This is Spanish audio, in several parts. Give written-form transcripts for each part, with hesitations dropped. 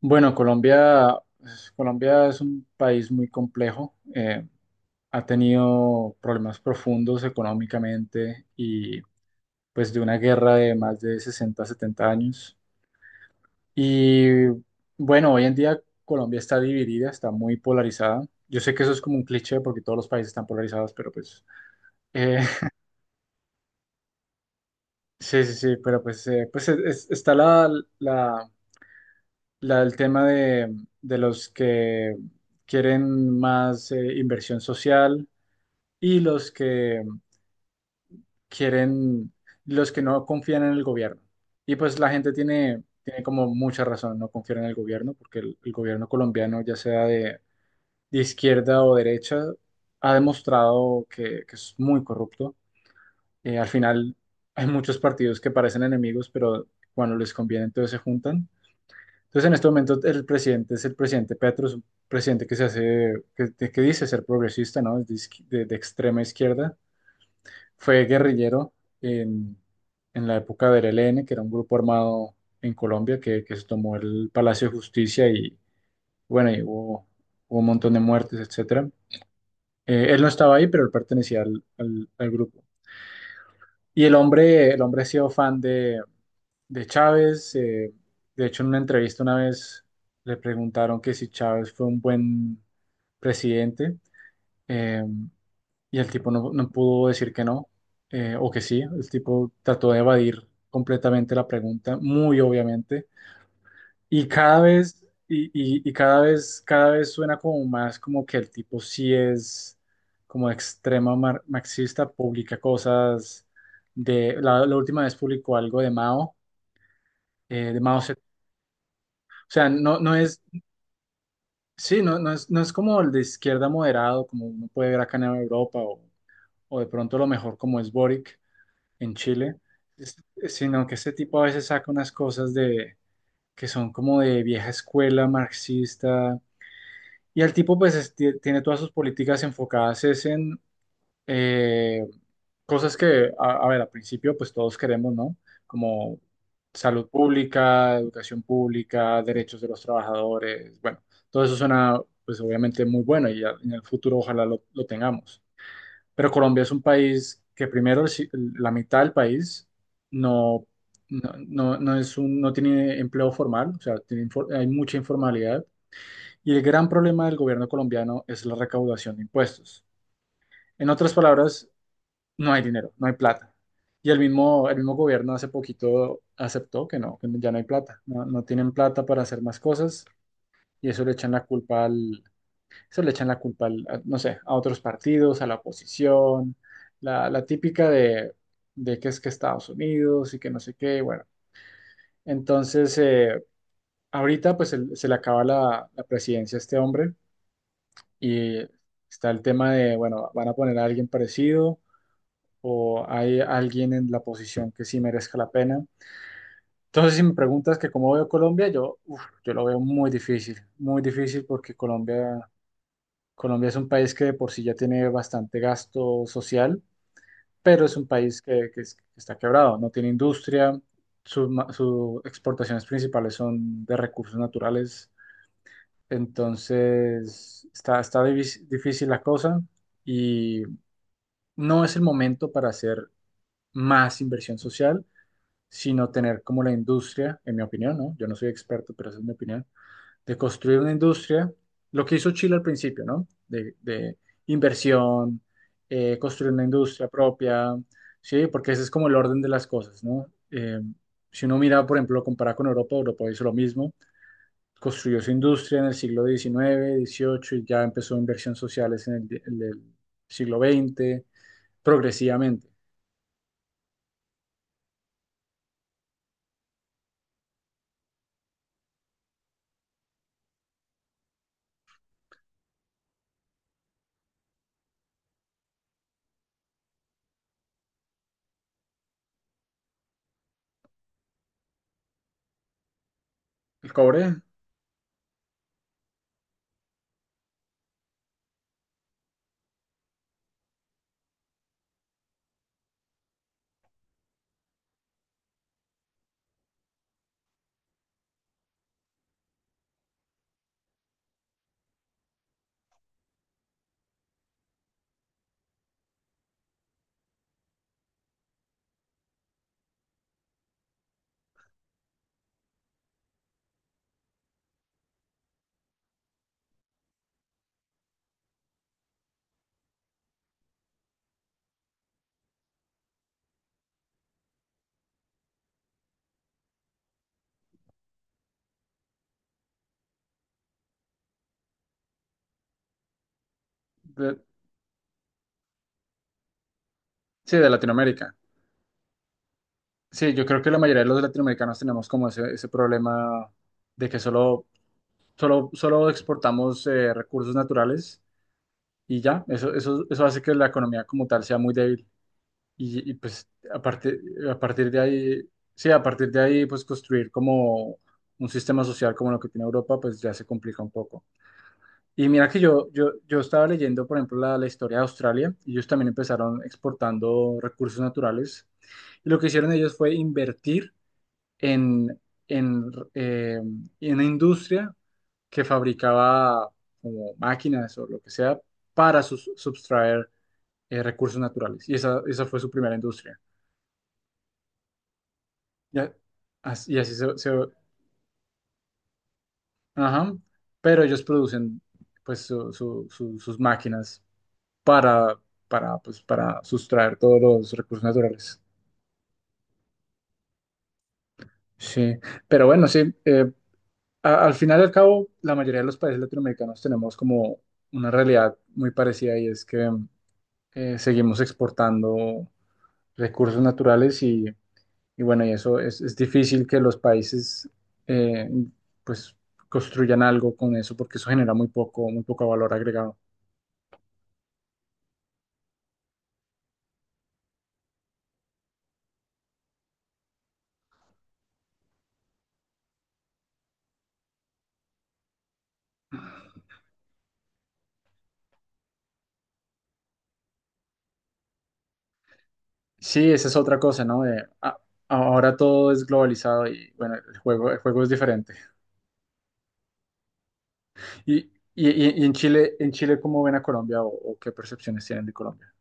Bueno, Colombia, pues, Colombia es un país muy complejo. Ha tenido problemas profundos económicamente y pues de una guerra de más de 60, 70 años. Y bueno, hoy en día Colombia está dividida, está muy polarizada. Yo sé que eso es como un cliché porque todos los países están polarizados, pero pues eh, sí, sí, sí, pero pues, pues está la, La el tema de los que quieren más inversión social y los que quieren, los que no confían en el gobierno. Y pues la gente tiene, tiene como mucha razón, no confiar en el gobierno, porque el gobierno colombiano, ya sea de izquierda o derecha, ha demostrado que es muy corrupto. Al final hay muchos partidos que parecen enemigos, pero cuando les conviene entonces se juntan. Entonces, en este momento, el presidente es el presidente Petro, es un presidente que se hace, que dice ser progresista, ¿no? Es de, de extrema izquierda. Fue guerrillero en, en la época del ELN, que era un grupo armado en Colombia que se tomó el Palacio de Justicia y, bueno, y hubo, hubo un montón de muertes, etcétera. Él no estaba ahí, pero él pertenecía al grupo. Y el hombre ha sido fan de Chávez. De hecho, en una entrevista una vez le preguntaron que si Chávez fue un buen presidente, eh, y el tipo no, no pudo decir que no, o que sí. El tipo trató de evadir completamente la pregunta, muy obviamente. Y cada vez, y cada vez suena como más como que el tipo sí es como extrema marxista, publica cosas de, la última vez publicó algo de Mao, de Mao. O sea, no, no es, sí, no, no es, no es como el de izquierda moderado, como uno puede ver acá en Europa, o de pronto lo mejor como es Boric en Chile, es- sino que este tipo a veces saca unas cosas de, que son como de vieja escuela marxista, y el tipo pues tiene todas sus políticas enfocadas es en eh, cosas que, a ver, al principio pues todos queremos, ¿no? Como salud pública, educación pública, derechos de los trabajadores, bueno, todo eso suena pues obviamente muy bueno y ya en el futuro ojalá lo tengamos. Pero Colombia es un país que primero el si- la mitad del país no, no, no, no es un, no tiene empleo formal, o sea, tiene hay mucha informalidad y el gran problema del gobierno colombiano es la recaudación de impuestos. En otras palabras, no hay dinero, no hay plata. Y el mismo gobierno hace poquito aceptó que no, que ya no hay plata, no, no tienen plata para hacer más cosas y eso le echan la culpa al, a- no sé, a otros partidos, a la oposición, la típica de que es que Estados Unidos y que no sé qué, bueno. Entonces, ahorita pues se le acaba la, la presidencia a este hombre y está el tema de, bueno, van a poner a alguien parecido o hay alguien en la posición que sí merezca la pena. Entonces, si me preguntas que cómo veo Colombia, yo, uf, yo lo veo muy difícil porque Colombia, Colombia es un país que de por sí ya tiene bastante gasto social, pero es un país que, que está quebrado, no tiene industria, sus exportaciones principales son de recursos naturales, entonces está, difícil la cosa y no es el momento para hacer más inversión social sino tener como la industria, en mi opinión, ¿no? Yo no soy experto, pero esa es mi opinión, de construir una industria, lo que hizo Chile al principio, ¿no? De inversión, construir una industria propia, ¿sí? Porque ese es como el orden de las cosas, ¿no? Eh, si uno mira, por ejemplo, compara con Europa, Europa hizo lo mismo, construyó su industria en el siglo 19, 18 y ya empezó inversión sociales en el siglo 20 progresivamente. El cobre, de- sí, de Latinoamérica. Sí, yo creo que la mayoría de los latinoamericanos tenemos como ese problema de que solo, solo exportamos recursos naturales y ya, eso, eso hace que la economía como tal sea muy débil. Pues a partir, a partir de ahí, sí, a partir de ahí, pues construir como un sistema social como lo que tiene Europa, pues ya se complica un poco. Y mira que yo estaba leyendo, por ejemplo, la historia de Australia, y ellos también empezaron exportando recursos naturales. Y lo que hicieron ellos fue invertir en, en, eh, en una industria que fabricaba como máquinas o lo que sea para sustraer recursos naturales. Y esa fue su primera industria. Y, a- y así se, ajá. Pero ellos producen pues sus máquinas para, para, pues, para sustraer todos los recursos naturales. Sí, pero bueno, sí, al final y al cabo, la mayoría de los países latinoamericanos tenemos como una realidad muy parecida y es que seguimos exportando recursos naturales y bueno, y eso es difícil que los países eh, pues construyan algo con eso porque eso genera muy poco valor agregado. Sí, esa es otra cosa, ¿no? Ahora todo es globalizado y bueno, el juego es diferente. Y, y en Chile, ¿cómo ven a Colombia o qué percepciones tienen de Colombia?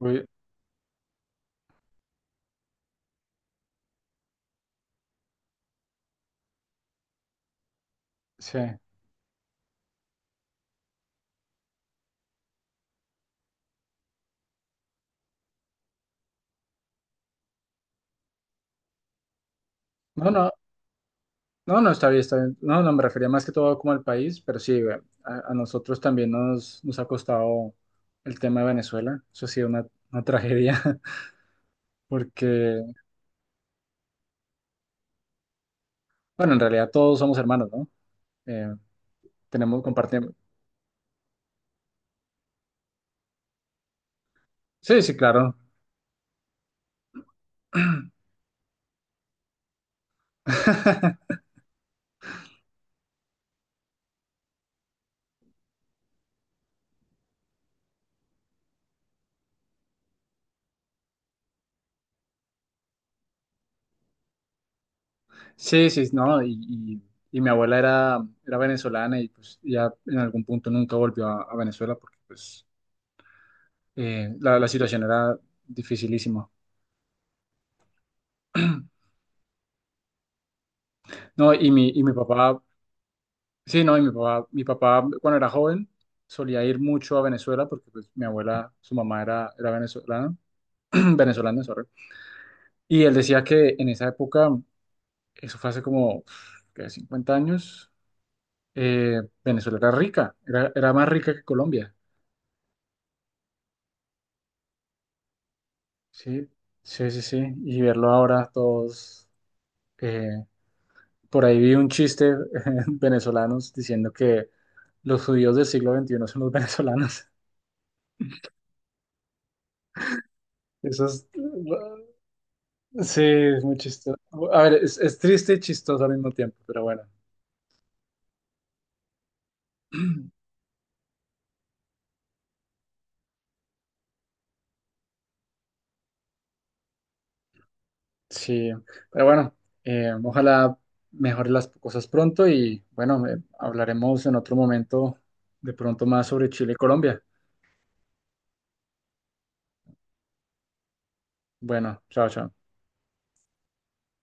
Uy, sí. No, no, no, no, está bien, está bien. No, no, me refería más que todo como al país, pero sí, güey, a nosotros también nos, nos ha costado el tema de Venezuela. Eso ha sido una tragedia, porque, bueno, en realidad todos somos hermanos, ¿no? Eh, Tenemos, compartimos. Sí, sí, claro. Sí, sí, no, y mi abuela era, era venezolana y pues ya en algún punto nunca volvió a Venezuela porque pues la, la situación era dificilísima. No, y mi papá. Sí, no, y mi papá cuando era joven solía ir mucho a Venezuela porque pues, mi abuela, su mamá era, era venezolana, venezolana, sorry. Y él decía que en esa época, eso fue hace como ¿qué? 50 años, Venezuela era rica, era, era más rica que Colombia. Sí, sí, sí, sí. Y verlo ahora todos, eh, por ahí vi un chiste venezolanos diciendo que los judíos del siglo 21 son los venezolanos. Eso es, sí, es muy chistoso. A ver, es triste y chistoso al mismo tiempo, pero bueno, sí, pero bueno, ojalá mejore las cosas pronto y bueno, hablaremos en otro momento de pronto más sobre Chile y Colombia. Bueno, chao, chao.